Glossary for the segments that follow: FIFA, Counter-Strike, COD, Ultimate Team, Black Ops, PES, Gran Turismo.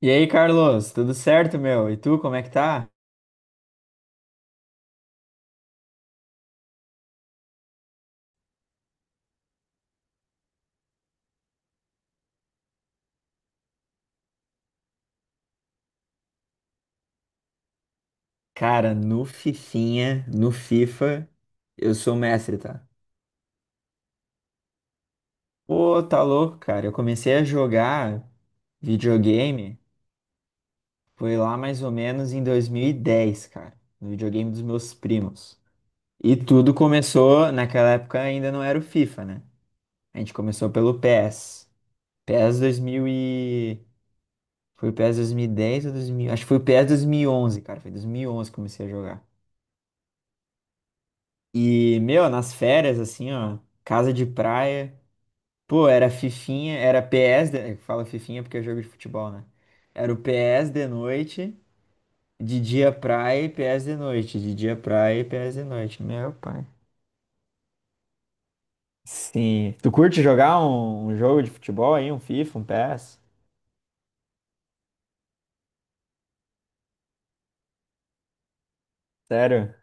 E aí, Carlos, tudo certo, meu? E tu, como é que tá? Cara, no FIFA, eu sou mestre, tá? Pô, tá louco, cara. Eu comecei a jogar videogame, foi lá mais ou menos em 2010, cara, no videogame dos meus primos. E tudo começou, naquela época ainda não era o FIFA, né? A gente começou pelo PES. PES 2000 e— Foi o PES 2010 ou 2000? Acho que foi o PES 2011, cara. Foi 2011 que comecei a jogar. E, meu, nas férias, assim, ó, casa de praia. Pô, era fifinha, era PS, de— fala fifinha porque é jogo de futebol, né? Era o PS de noite, de dia praia e PS de noite, de dia praia e PS de noite. Meu pai. Sim. Tu curte jogar um jogo de futebol aí, um FIFA, um PES? Sério?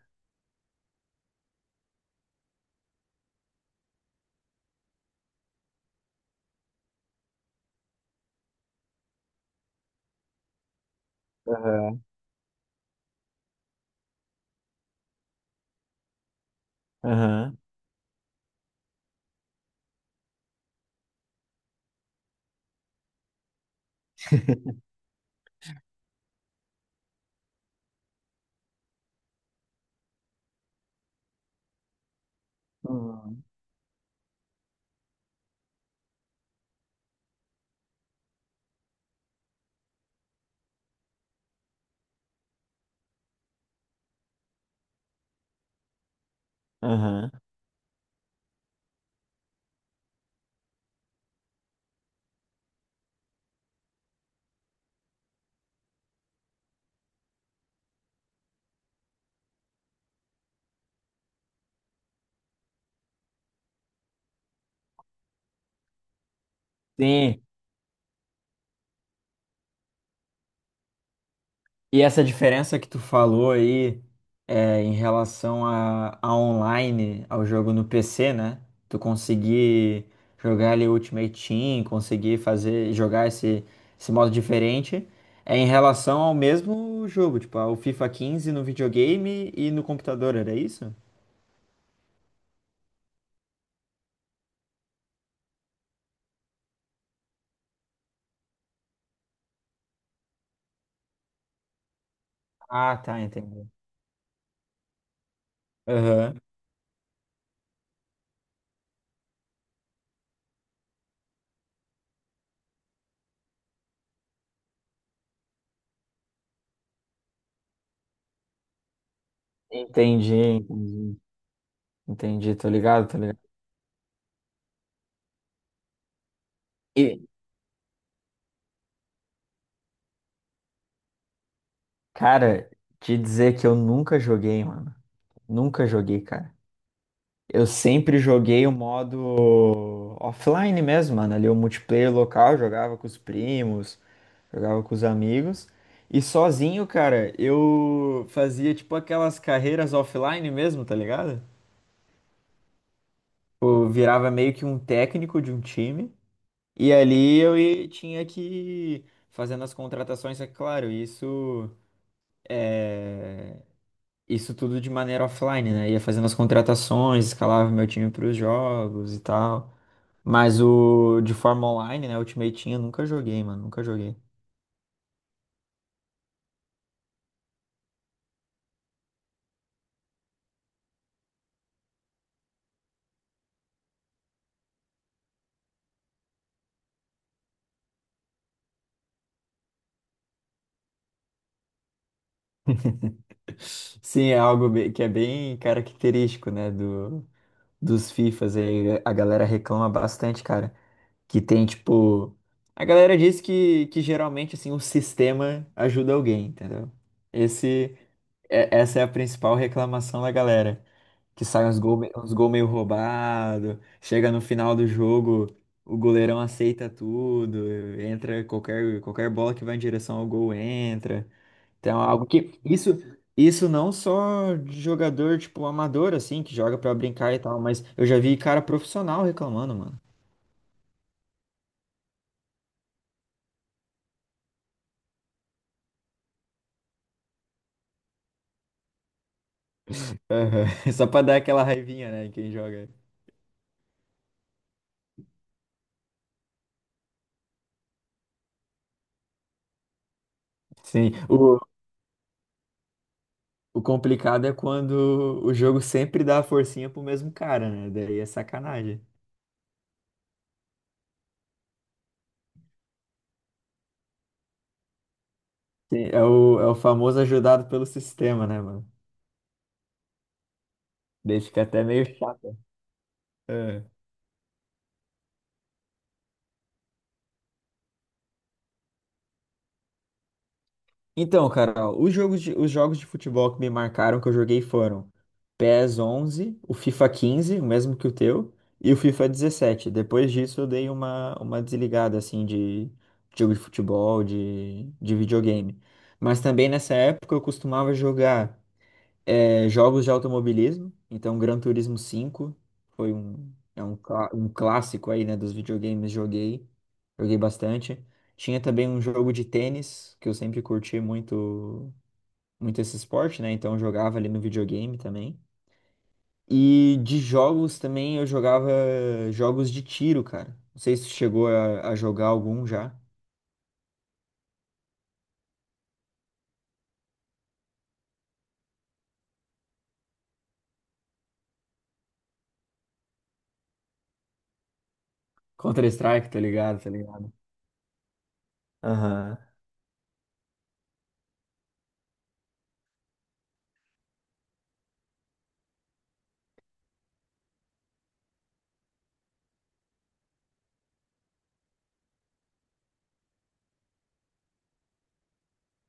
Aham. Aham. Uhum. Aham. Sim. E essa diferença que tu falou aí é, em relação a online, ao jogo no PC, né? Tu conseguir jogar ali Ultimate Team, conseguir fazer, jogar esse modo diferente, é em relação ao mesmo jogo, tipo, ao FIFA quinze no videogame e no computador, era isso? Ah, tá, entendi. Aham. Entendi, entendi. Entendi, tô ligado, tô ligado. E, cara, te dizer que eu nunca joguei, mano. Nunca joguei, cara. Eu sempre joguei o modo offline mesmo, mano. Ali o multiplayer local, jogava com os primos, jogava com os amigos. E sozinho, cara, eu fazia tipo aquelas carreiras offline mesmo, tá ligado? Eu virava meio que um técnico de um time. E ali eu tinha que ir fazendo as contratações, é claro, isso é isso tudo de maneira offline, né? Ia fazendo as contratações, escalava meu time para os jogos e tal. Mas o de forma online, né? Ultimate Team eu nunca joguei, mano. Nunca joguei. Sim, é algo que é bem característico, né? Dos FIFAs aí. A galera reclama bastante, cara. Que tem, tipo. A galera diz que geralmente, assim, o sistema ajuda alguém, entendeu? Esse, essa é a principal reclamação da galera. Que sai uns gol meio roubado, chega no final do jogo, o goleirão aceita tudo, entra qualquer bola que vai em direção ao gol entra. Então, é algo que isso não só de jogador tipo amador assim, que joga pra brincar e tal, mas eu já vi cara profissional reclamando, mano. Aham. Só pra dar aquela raivinha, né, em quem joga. Sim, o complicado é quando o jogo sempre dá a forcinha pro mesmo cara, né? Daí é sacanagem. Sim, é o famoso ajudado pelo sistema, né, mano? Daí fica até meio chato. É. Então, cara, ó, os jogos de futebol que me marcaram que eu joguei foram PES onze, o FIFA quinze, o mesmo que o teu, e o FIFA dezessete. Depois disso, eu dei uma desligada, assim, de jogo de futebol, de videogame. Mas também nessa época eu costumava jogar. É, jogos de automobilismo, então Gran Turismo cinco foi é um clássico aí, né, dos videogames, joguei, joguei bastante. Tinha também um jogo de tênis, que eu sempre curti muito, muito esse esporte, né, então eu jogava ali no videogame também. E de jogos também eu jogava jogos de tiro, cara. Não sei se tu chegou a jogar algum já. Counter-Strike, tá ligado, tá ligado? Aham.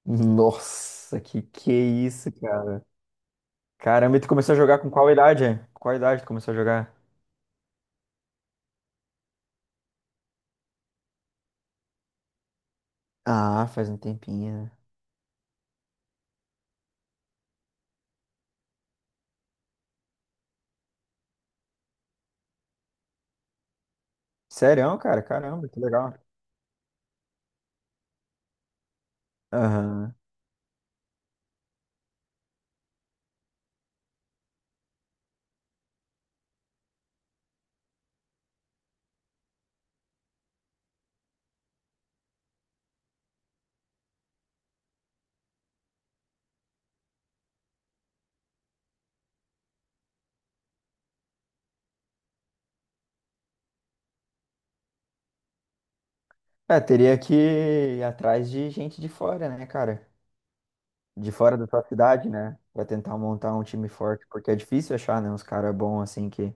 Nossa, que é isso, cara. Caramba, e tu começou a jogar com qual idade? Com qual idade tu começou a jogar? Ah, faz um tempinho, né? Sério, cara? Caramba, que legal. Aham. É, teria que ir atrás de gente de fora, né, cara? De fora da tua cidade, né? Pra tentar montar um time forte, porque é difícil achar, né? Uns caras bons assim que,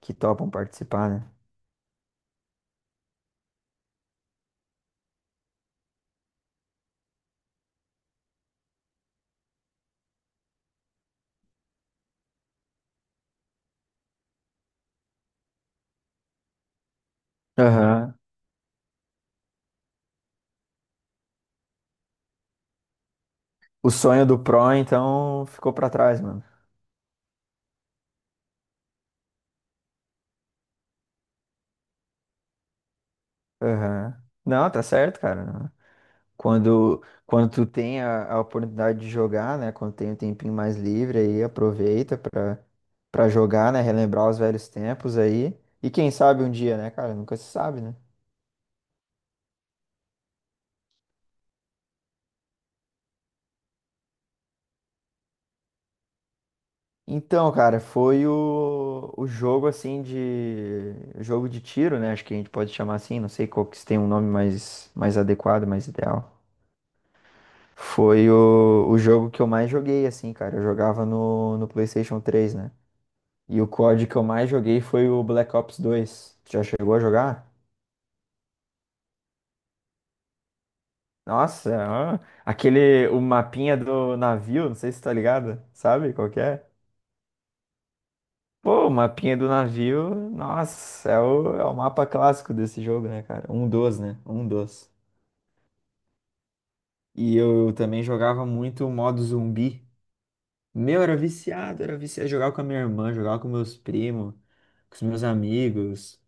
que topam participar, né? Aham. O sonho do Pro, então, ficou pra trás, mano. Aham. Não, tá certo, cara. Quando tu tem a oportunidade de jogar, né? Quando tem um tempinho mais livre aí, aproveita pra jogar, né? Relembrar os velhos tempos aí. E quem sabe um dia, né, cara? Nunca se sabe, né? Então, cara, foi o jogo assim de. Jogo de tiro, né? Acho que a gente pode chamar assim, não sei qual que se tem um nome mais adequado, mais ideal. Foi o jogo que eu mais joguei, assim, cara. Eu jogava no PlayStation três, né? E o COD que eu mais joguei foi o Black Ops dois. Tu já chegou a jogar? Nossa, ah, aquele, o mapinha do navio, não sei se tá ligado, sabe qual que é? Pô, o mapinha do navio, nossa, é o mapa clássico desse jogo, né, cara? Um dos, né? Um dos. E eu também jogava muito o modo zumbi. Meu, era viciado, era viciado. Jogava com a minha irmã, jogava com meus primos, com os meus amigos.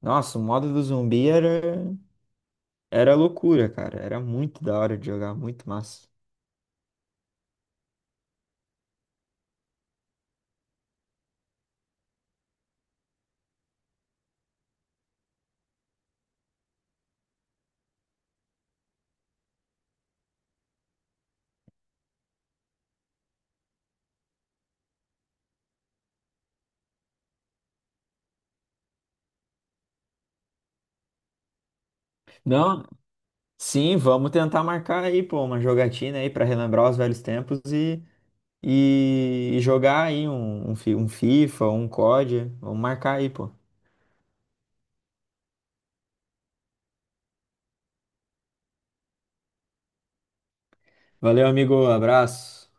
Nossa, o modo do zumbi era. Era loucura, cara. Era muito da hora de jogar, muito massa. Não, sim, vamos tentar marcar aí, pô, uma jogatina aí pra relembrar os velhos tempos e jogar aí um FIFA, um COD. Vamos marcar aí, pô. Valeu, amigo. Abraço.